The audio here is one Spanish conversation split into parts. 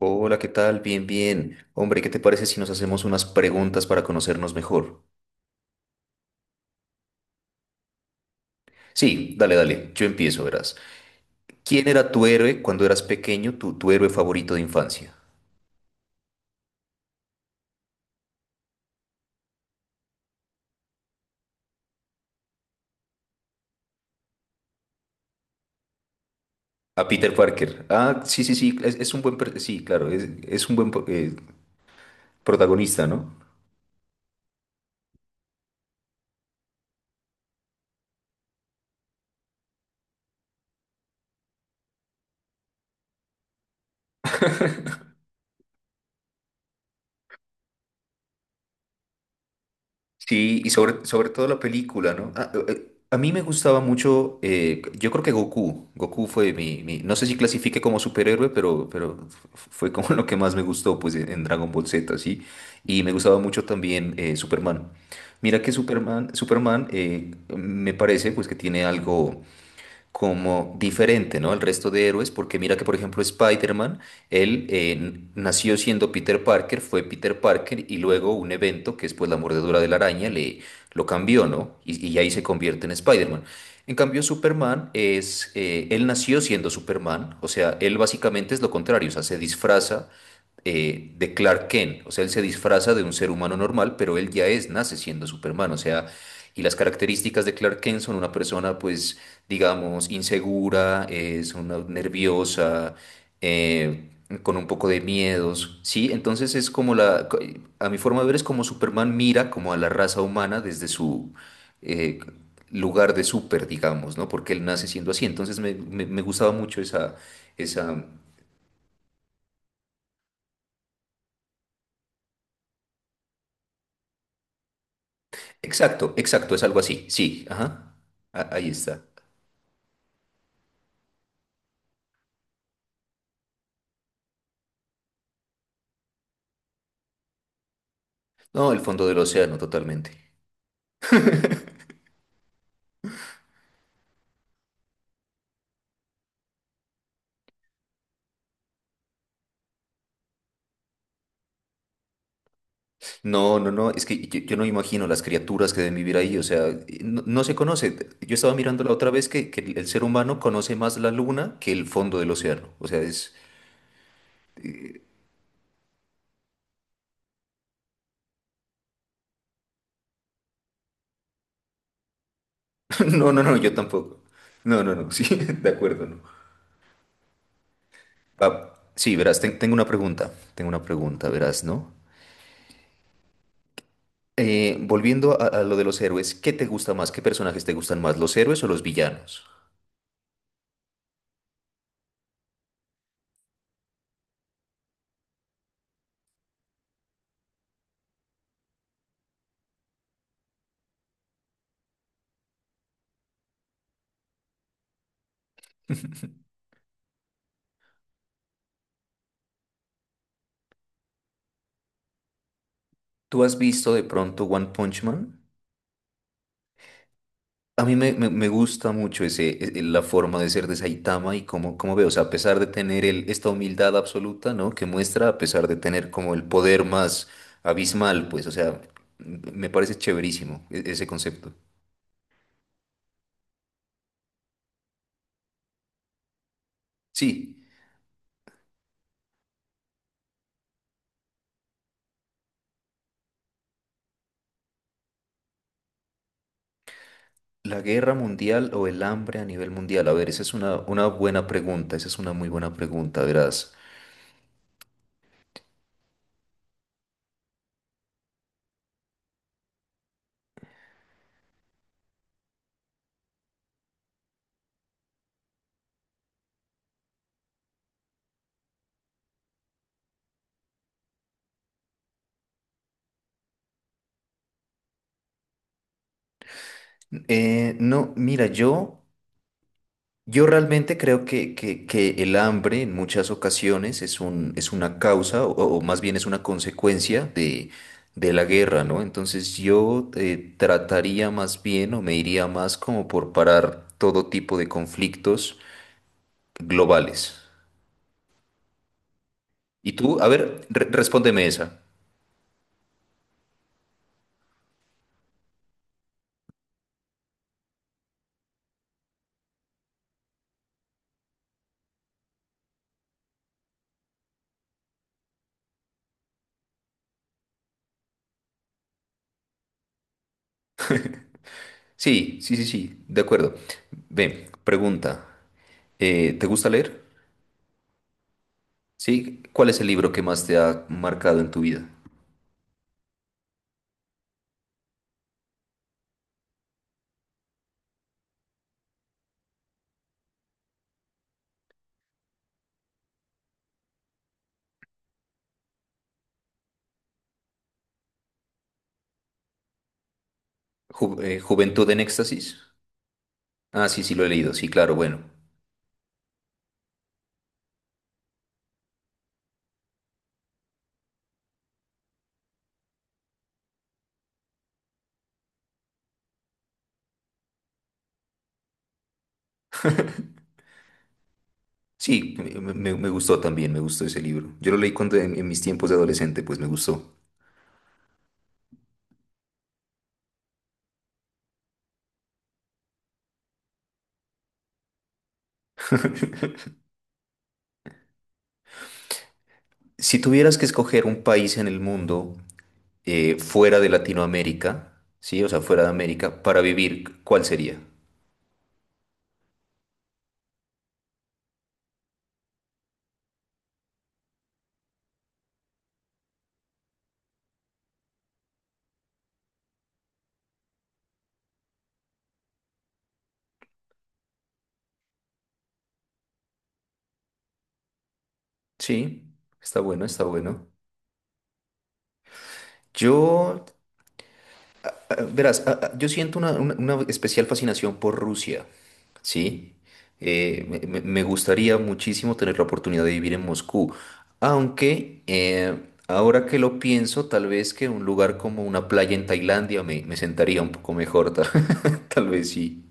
Hola, ¿qué tal? Bien, bien. Hombre, ¿qué te parece si nos hacemos unas preguntas para conocernos mejor? Sí, dale, dale, yo empiezo, verás. ¿Quién era tu héroe cuando eras pequeño, tu héroe favorito de infancia? A Peter Parker. Ah, sí, sí, sí, es un buen, sí, claro, es un buen protagonista, ¿no? Sí, y sobre todo la película, ¿no? A mí me gustaba mucho, yo creo que Goku, Goku fue no sé si clasifique como superhéroe, pero fue como lo que más me gustó, pues, en Dragon Ball Z, ¿sí? Y me gustaba mucho también Superman. Mira que Superman, Superman me parece, pues, que tiene algo como diferente, ¿no? Al resto de héroes, porque mira que, por ejemplo, Spider-Man, él nació siendo Peter Parker, fue Peter Parker y luego un evento, que es pues la mordedura de la araña, le lo cambió, ¿no? Y ahí se convierte en Spider-Man. En cambio, Superman es, él nació siendo Superman, o sea, él básicamente es lo contrario, o sea, se disfraza de Clark Kent. O sea, él se disfraza de un ser humano normal, pero él ya es, nace siendo Superman. O sea, y las características de Clark Kent son una persona, pues, digamos, insegura, es una nerviosa, eh, con un poco de miedos, ¿sí? Entonces es como a mi forma de ver es como Superman mira como a la raza humana desde su eh, lugar de súper, digamos, ¿no? Porque él nace siendo así, entonces me gustaba mucho esa, esa... Exacto, exacto, es algo así, sí, ajá, ahí está. No, el fondo del océano, totalmente. No, no, no, es que yo no me imagino las criaturas que deben vivir ahí, o sea, no, no se conoce. Yo estaba mirando la otra vez que el ser humano conoce más la luna que el fondo del océano, o sea, es... No, no, no, yo tampoco. No, no, no, sí, de acuerdo, no. Ah, sí, verás, tengo una pregunta, verás, ¿no? Volviendo a lo de los héroes, ¿qué te gusta más? ¿Qué personajes te gustan más, los héroes o los villanos? ¿Tú has visto de pronto One Punch Man? A mí me gusta mucho ese, la forma de ser de Saitama y cómo, cómo veo, o sea, a pesar de tener el, esta humildad absoluta, ¿no? Que muestra, a pesar de tener como el poder más abismal, pues, o sea, me parece chéverísimo ese concepto. Sí, la guerra mundial o el hambre a nivel mundial, a ver, esa es una buena pregunta, esa es una muy buena pregunta, verás. No, mira, yo... Yo realmente creo que el hambre en muchas ocasiones es un, es una causa o más bien es una consecuencia de la guerra, ¿no? Entonces yo trataría más bien o me iría más como por parar todo tipo de conflictos globales. Y tú, a ver, respóndeme esa. Sí, sí, sí, sí, de acuerdo. Ven, pregunta. ¿Te gusta leer? Sí. ¿Cuál es el libro que más te ha marcado en tu vida? ¿Juventud en éxtasis? Ah, sí, sí, lo he leído, sí, claro, bueno. Sí, me gustó también, me gustó ese libro. Yo lo leí cuando en mis tiempos de adolescente, pues me gustó. Si tuvieras que escoger un país en el mundo fuera de Latinoamérica, sí, o sea, fuera de América, para vivir, ¿cuál sería? Sí, está bueno, está bueno. Yo ah, verás, ah, ah, yo siento una, una especial fascinación por Rusia, ¿sí? Me gustaría muchísimo tener la oportunidad de vivir en Moscú, aunque ahora que lo pienso, tal vez que un lugar como una playa en Tailandia me sentaría un poco mejor, tal, tal vez sí.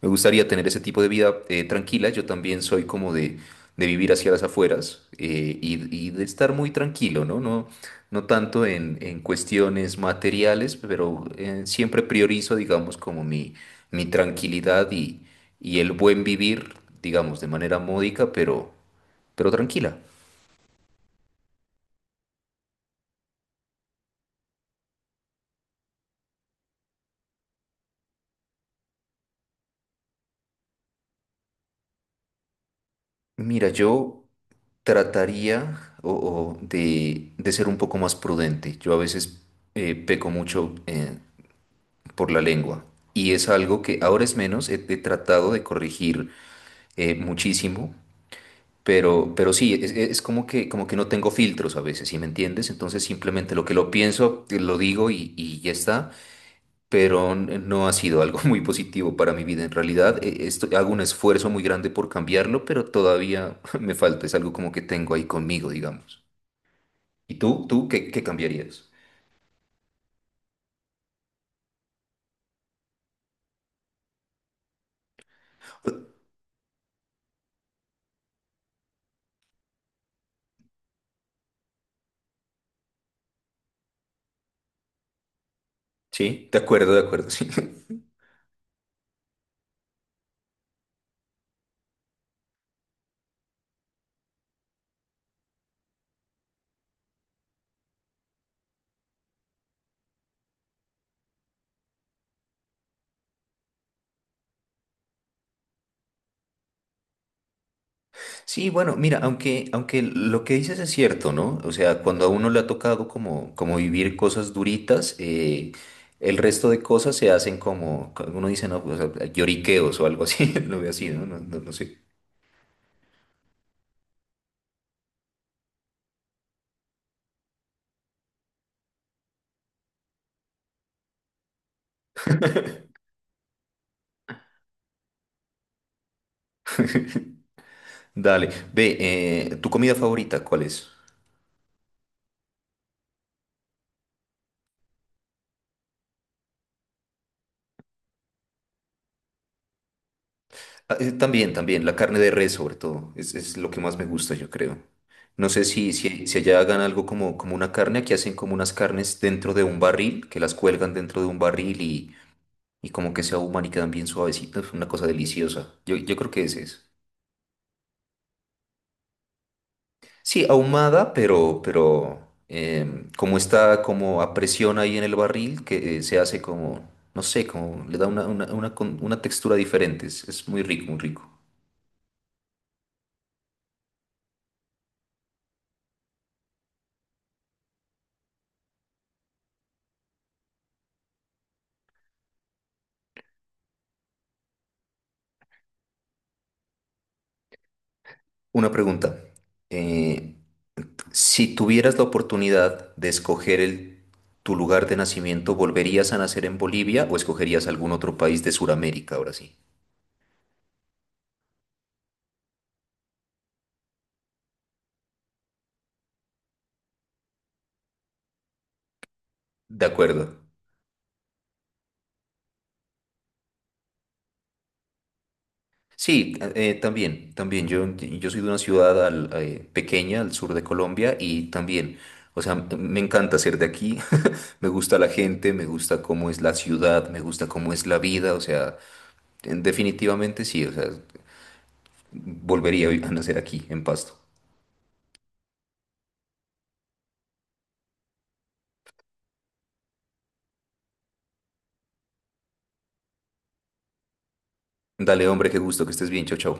Me gustaría tener ese tipo de vida tranquila. Yo también soy como de vivir hacia las afueras y de estar muy tranquilo, ¿no? No, no tanto en cuestiones materiales, pero siempre priorizo, digamos, como mi tranquilidad y el buen vivir, digamos, de manera módica, pero tranquila. Mira, yo trataría o de ser un poco más prudente. Yo a veces peco mucho. Por la lengua. Y es algo que ahora es menos, he tratado de corregir muchísimo, pero sí, es como que no tengo filtros a veces, ¿sí me entiendes? Entonces simplemente lo que lo pienso, lo digo y ya está, pero no ha sido algo muy positivo para mi vida. En realidad, hago un esfuerzo muy grande por cambiarlo, pero todavía me falta, es algo como que tengo ahí conmigo, digamos. ¿Y tú qué, qué cambiarías? Sí, de acuerdo, sí. Sí, bueno, mira, aunque, aunque lo que dices es cierto, ¿no? O sea, cuando a uno le ha tocado como, como vivir cosas duritas, el resto de cosas se hacen como, como uno dice, no, pues, lloriqueos o algo así, lo veo así, ¿no? No, no, no sé. Dale, ve, ¿tu comida favorita cuál es? Ah, también, también, la carne de res sobre todo, es lo que más me gusta, yo creo. No sé si allá hagan algo como, como una carne, aquí hacen como unas carnes dentro de un barril, que las cuelgan dentro de un barril y como que se ahuman y quedan bien suavecitos, una cosa deliciosa. Yo creo que ese es. Sí, ahumada, pero como está como a presión ahí en el barril, que se hace como, no sé, como le da una, una textura diferente. Es muy rico, muy rico. Una pregunta. eh, si tuvieras la oportunidad de escoger el, tu lugar de nacimiento, ¿volverías a nacer en Bolivia o escogerías algún otro país de Sudamérica ahora sí? De acuerdo. Sí, también, también. Yo soy de una ciudad pequeña al sur de Colombia y también, o sea, me encanta ser de aquí. Me gusta la gente, me gusta cómo es la ciudad, me gusta cómo es la vida. O sea, definitivamente sí. O sea, volvería a a nacer aquí, en Pasto. Dale, hombre, qué gusto, que estés bien. Chau, chau.